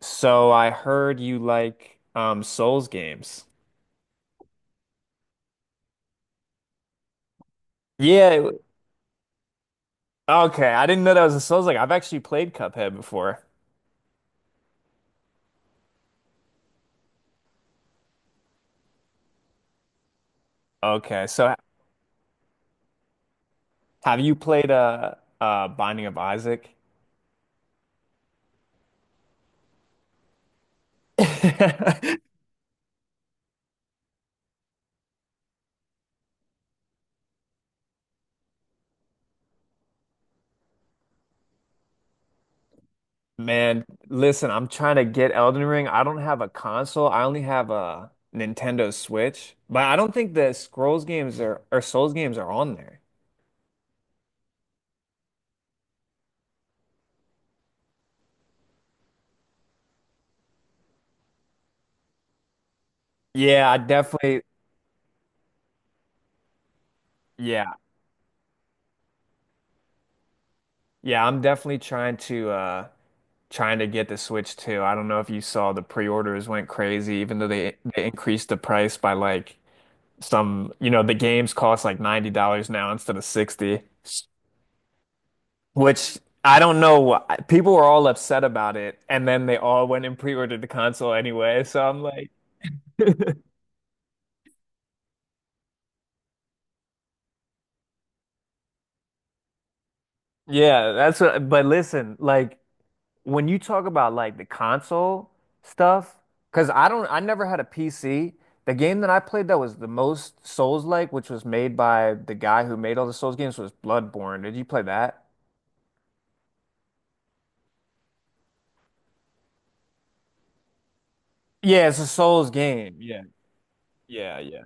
So I heard you like Souls games. Yeah. Okay. I didn't know that was a Souls like. I've actually played Cuphead before. Okay. So have you played Binding of Isaac? Man, listen, I'm trying to get Elden Ring. I don't have a console. I only have a Nintendo Switch. But I don't think the Scrolls games are or Souls games are on there. Yeah, I definitely, yeah. Yeah, I'm definitely trying to trying to get the Switch too. I don't know if you saw the pre-orders went crazy, even though they increased the price by like some, you know, the games cost like $90 now instead of 60, which I don't know. People were all upset about it, and then they all went and pre-ordered the console anyway. So I'm like, yeah, that's what, but listen, like when you talk about like the console stuff, because I never had a PC. The game that I played that was the most Souls-like, which was made by the guy who made all the Souls games, was Bloodborne. Did you play that? Yeah, it's a Souls game. Yeah, yeah, yeah.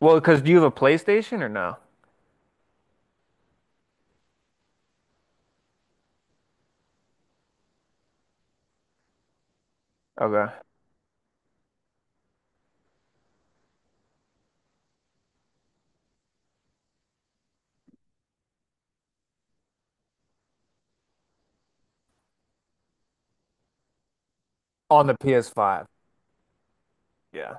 Well, because do you have a PlayStation or no? Okay. On the PS5. Yeah.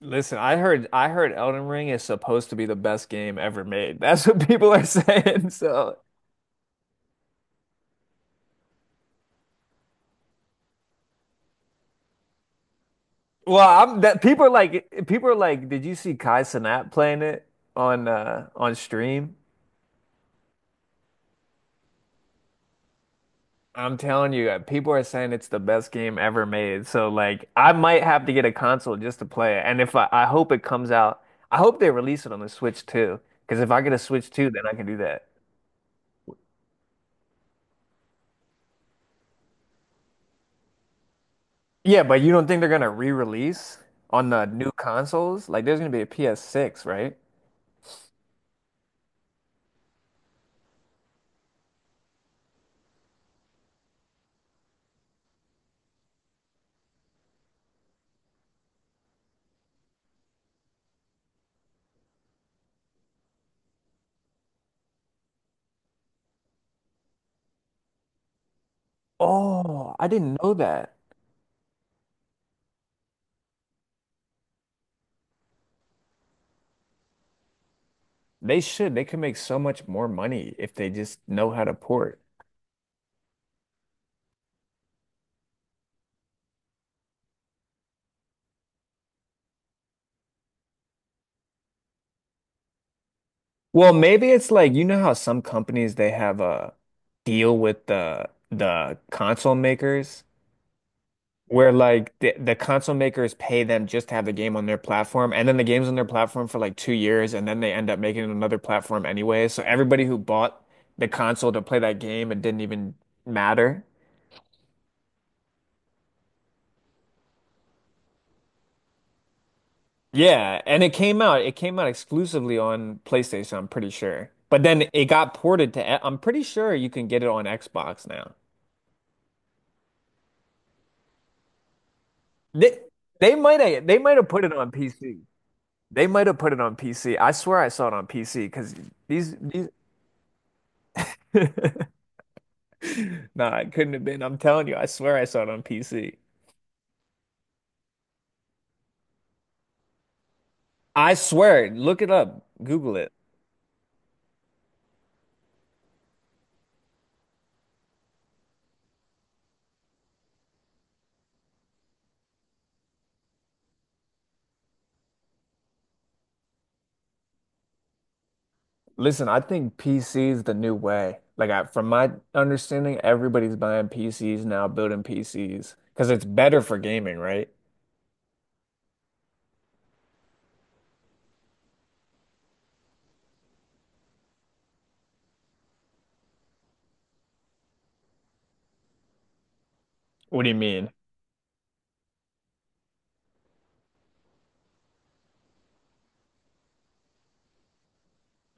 Listen, I heard Elden Ring is supposed to be the best game ever made. That's what people are saying. So well, I'm that people are like, did you see Kai Cenat playing it on stream? I'm telling you, people are saying it's the best game ever made. So like I might have to get a console just to play it. And if I, I hope it comes out, I hope they release it on the Switch too. Because if I get a Switch too, then I can do that. Yeah, but you don't think they're gonna re-release on the new consoles? Like there's gonna be a PS6, right? Oh, I didn't know that. They should. They could make so much more money if they just know how to port. Well, maybe it's like you know how some companies they have a deal with the console makers where like the console makers pay them just to have the game on their platform and then the game's on their platform for like 2 years and then they end up making it another platform anyway. So everybody who bought the console to play that game it didn't even matter. Yeah, and it came out exclusively on PlayStation, I'm pretty sure. But then it got ported to I'm pretty sure you can get it on Xbox now. They might have put it on PC. They might have put it on PC. I swear I saw it on PC because these nah, it couldn't have been. I'm telling you, I swear I saw it on PC. I swear, look it up, Google it. Listen, I think PC is the new way. From my understanding, everybody's buying PCs now, building PCs because it's better for gaming, right? What do you mean?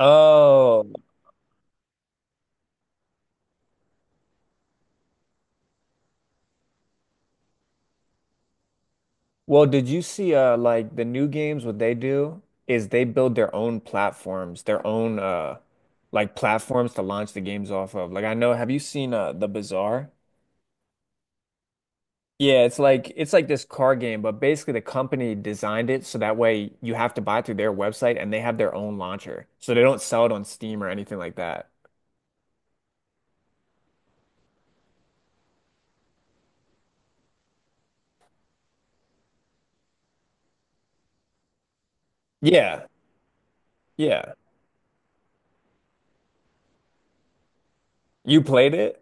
Oh, well, did you see like the new games what they do is they build their own platforms, their own like platforms to launch the games off of. Like I know, have you seen The Bazaar? Yeah, it's like this car game, but basically the company designed it so that way you have to buy it through their website and they have their own launcher. So they don't sell it on Steam or anything like that. Yeah. Yeah. You played it?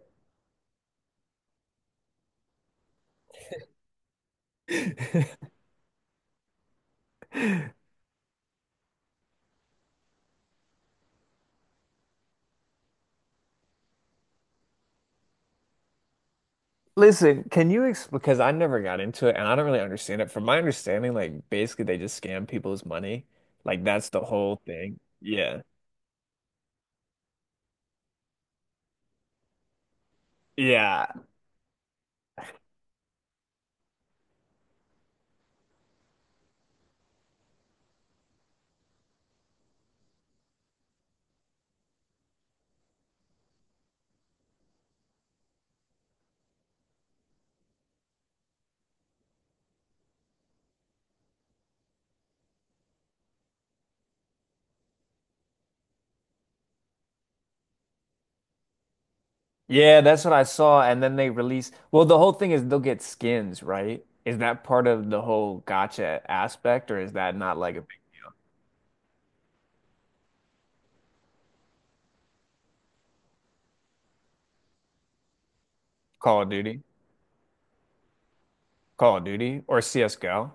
Listen, can you explain? Because I never got into it, and I don't really understand it. From my understanding, like basically they just scam people's money. Like that's the whole thing. Yeah. Yeah. Yeah, that's what I saw. And then they release. Well, the whole thing is they'll get skins, right? Is that part of the whole gotcha aspect, or is that not like a big Call of Duty? Call of Duty or CSGO?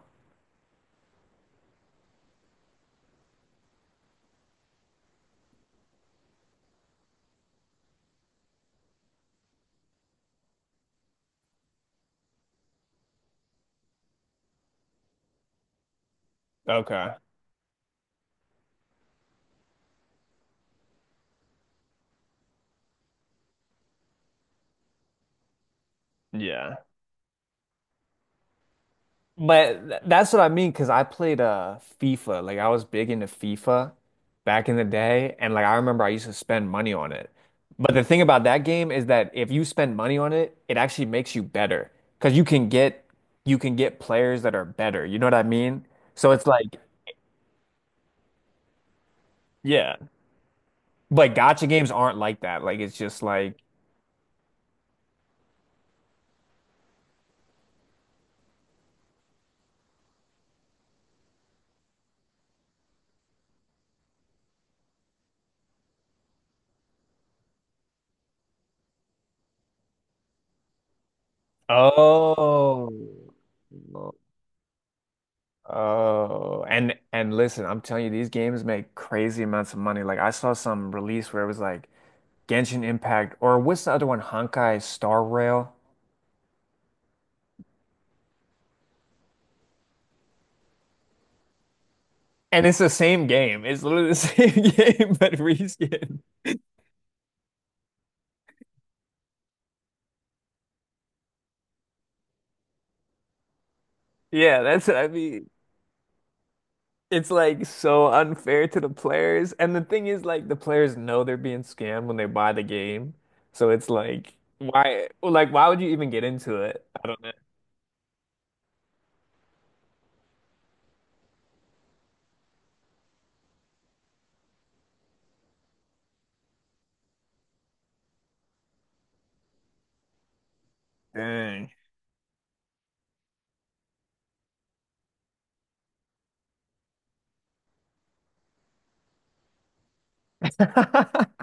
Okay. Yeah. But that's what I mean, because I played FIFA. Like I was big into FIFA back in the day, and like I remember I used to spend money on it. But the thing about that game is that if you spend money on it, it actually makes you better because you can get players that are better. You know what I mean? So it's like, yeah. But gotcha games aren't like that. Like it's just like, oh, oh, and listen, I'm telling you, these games make crazy amounts of money. Like I saw some release where it was like Genshin Impact, or what's the other one, Honkai Star Rail, and it's the same game. It's literally the same game but reskin. Yeah, that's what I mean. It's like so unfair to the players, and the thing is, like the players know they're being scammed when they buy the game, so it's like why would you even get into it? I don't know. Dang.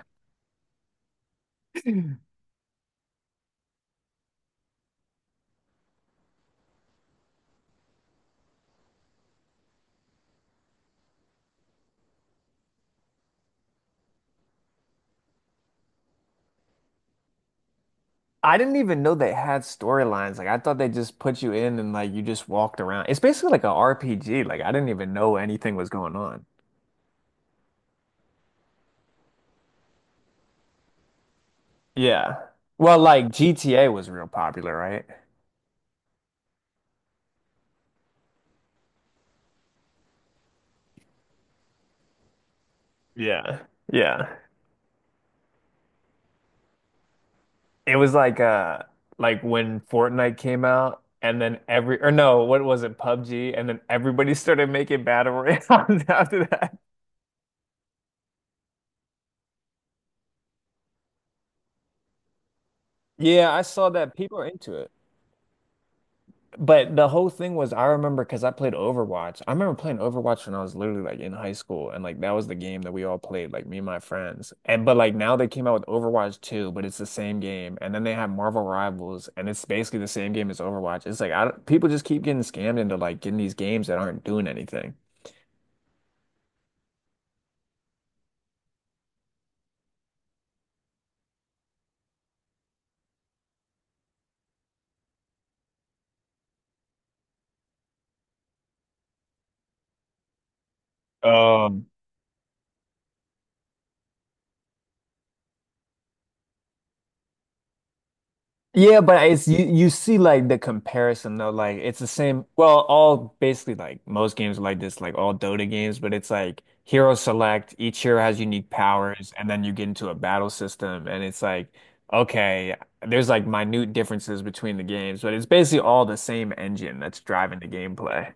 I didn't even know they had storylines. Like I thought they just put you in and like you just walked around. It's basically like a RPG. Like I didn't even know anything was going on. Yeah. Well, like GTA was real popular, right? Yeah. Yeah. It was like when Fortnite came out and then every or no, what was it, PUBG, and then everybody started making battle royales after that. Yeah, I saw that people are into it. But the whole thing was, I remember because I played Overwatch. I remember playing Overwatch when I was literally like in high school, and like that was the game that we all played, like me and my friends. And but like now they came out with Overwatch 2, but it's the same game. And then they have Marvel Rivals, and it's basically the same game as Overwatch. It's like I don't, people just keep getting scammed into like getting these games that aren't doing anything. Oh, yeah, but it's you see like the comparison though, like it's the same. Well, all basically like most games are like this, like all Dota games, but it's like hero select, each hero has unique powers, and then you get into a battle system, and it's like, okay, there's like minute differences between the games, but it's basically all the same engine that's driving the gameplay.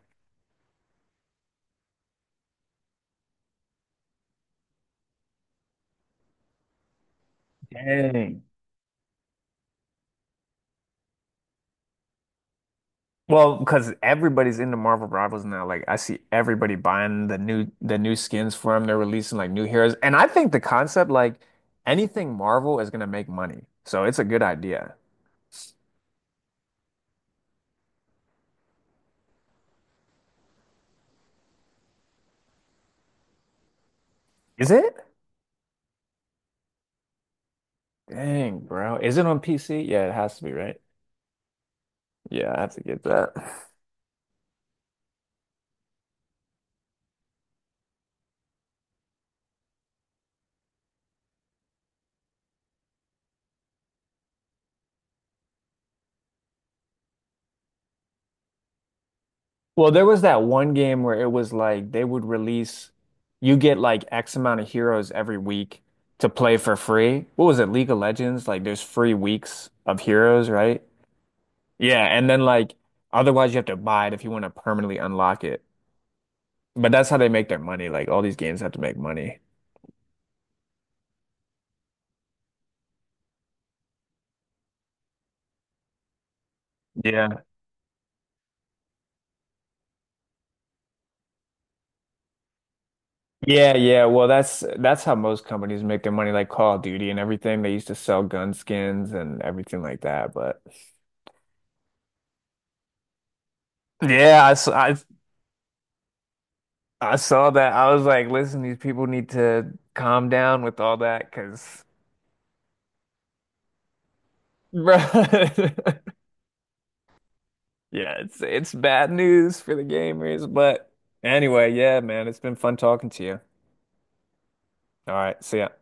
Dang. Well, because everybody's into Marvel Rivals now. Like I see everybody buying the new skins for them. They're releasing like new heroes. And I think the concept, like anything Marvel is gonna make money. So it's a good idea. Is it? Dang, bro. Is it on PC? Yeah, it has to be, right? Yeah, I have to get that. Well, there was that one game where it was like they would release, you get like X amount of heroes every week to play for free. What was it, League of Legends? Like there's free weeks of heroes, right? Yeah, and then like otherwise you have to buy it if you want to permanently unlock it. But that's how they make their money. Like all these games have to make money. Yeah. Yeah, yeah. Well, that's how most companies make their money, like Call of Duty and everything. They used to sell gun skins and everything like that. But yeah, I saw that. I was like, listen, these people need to calm down with all that, because bro, yeah, it's bad news for the gamers. But anyway, yeah, man, it's been fun talking to you. All right, see ya.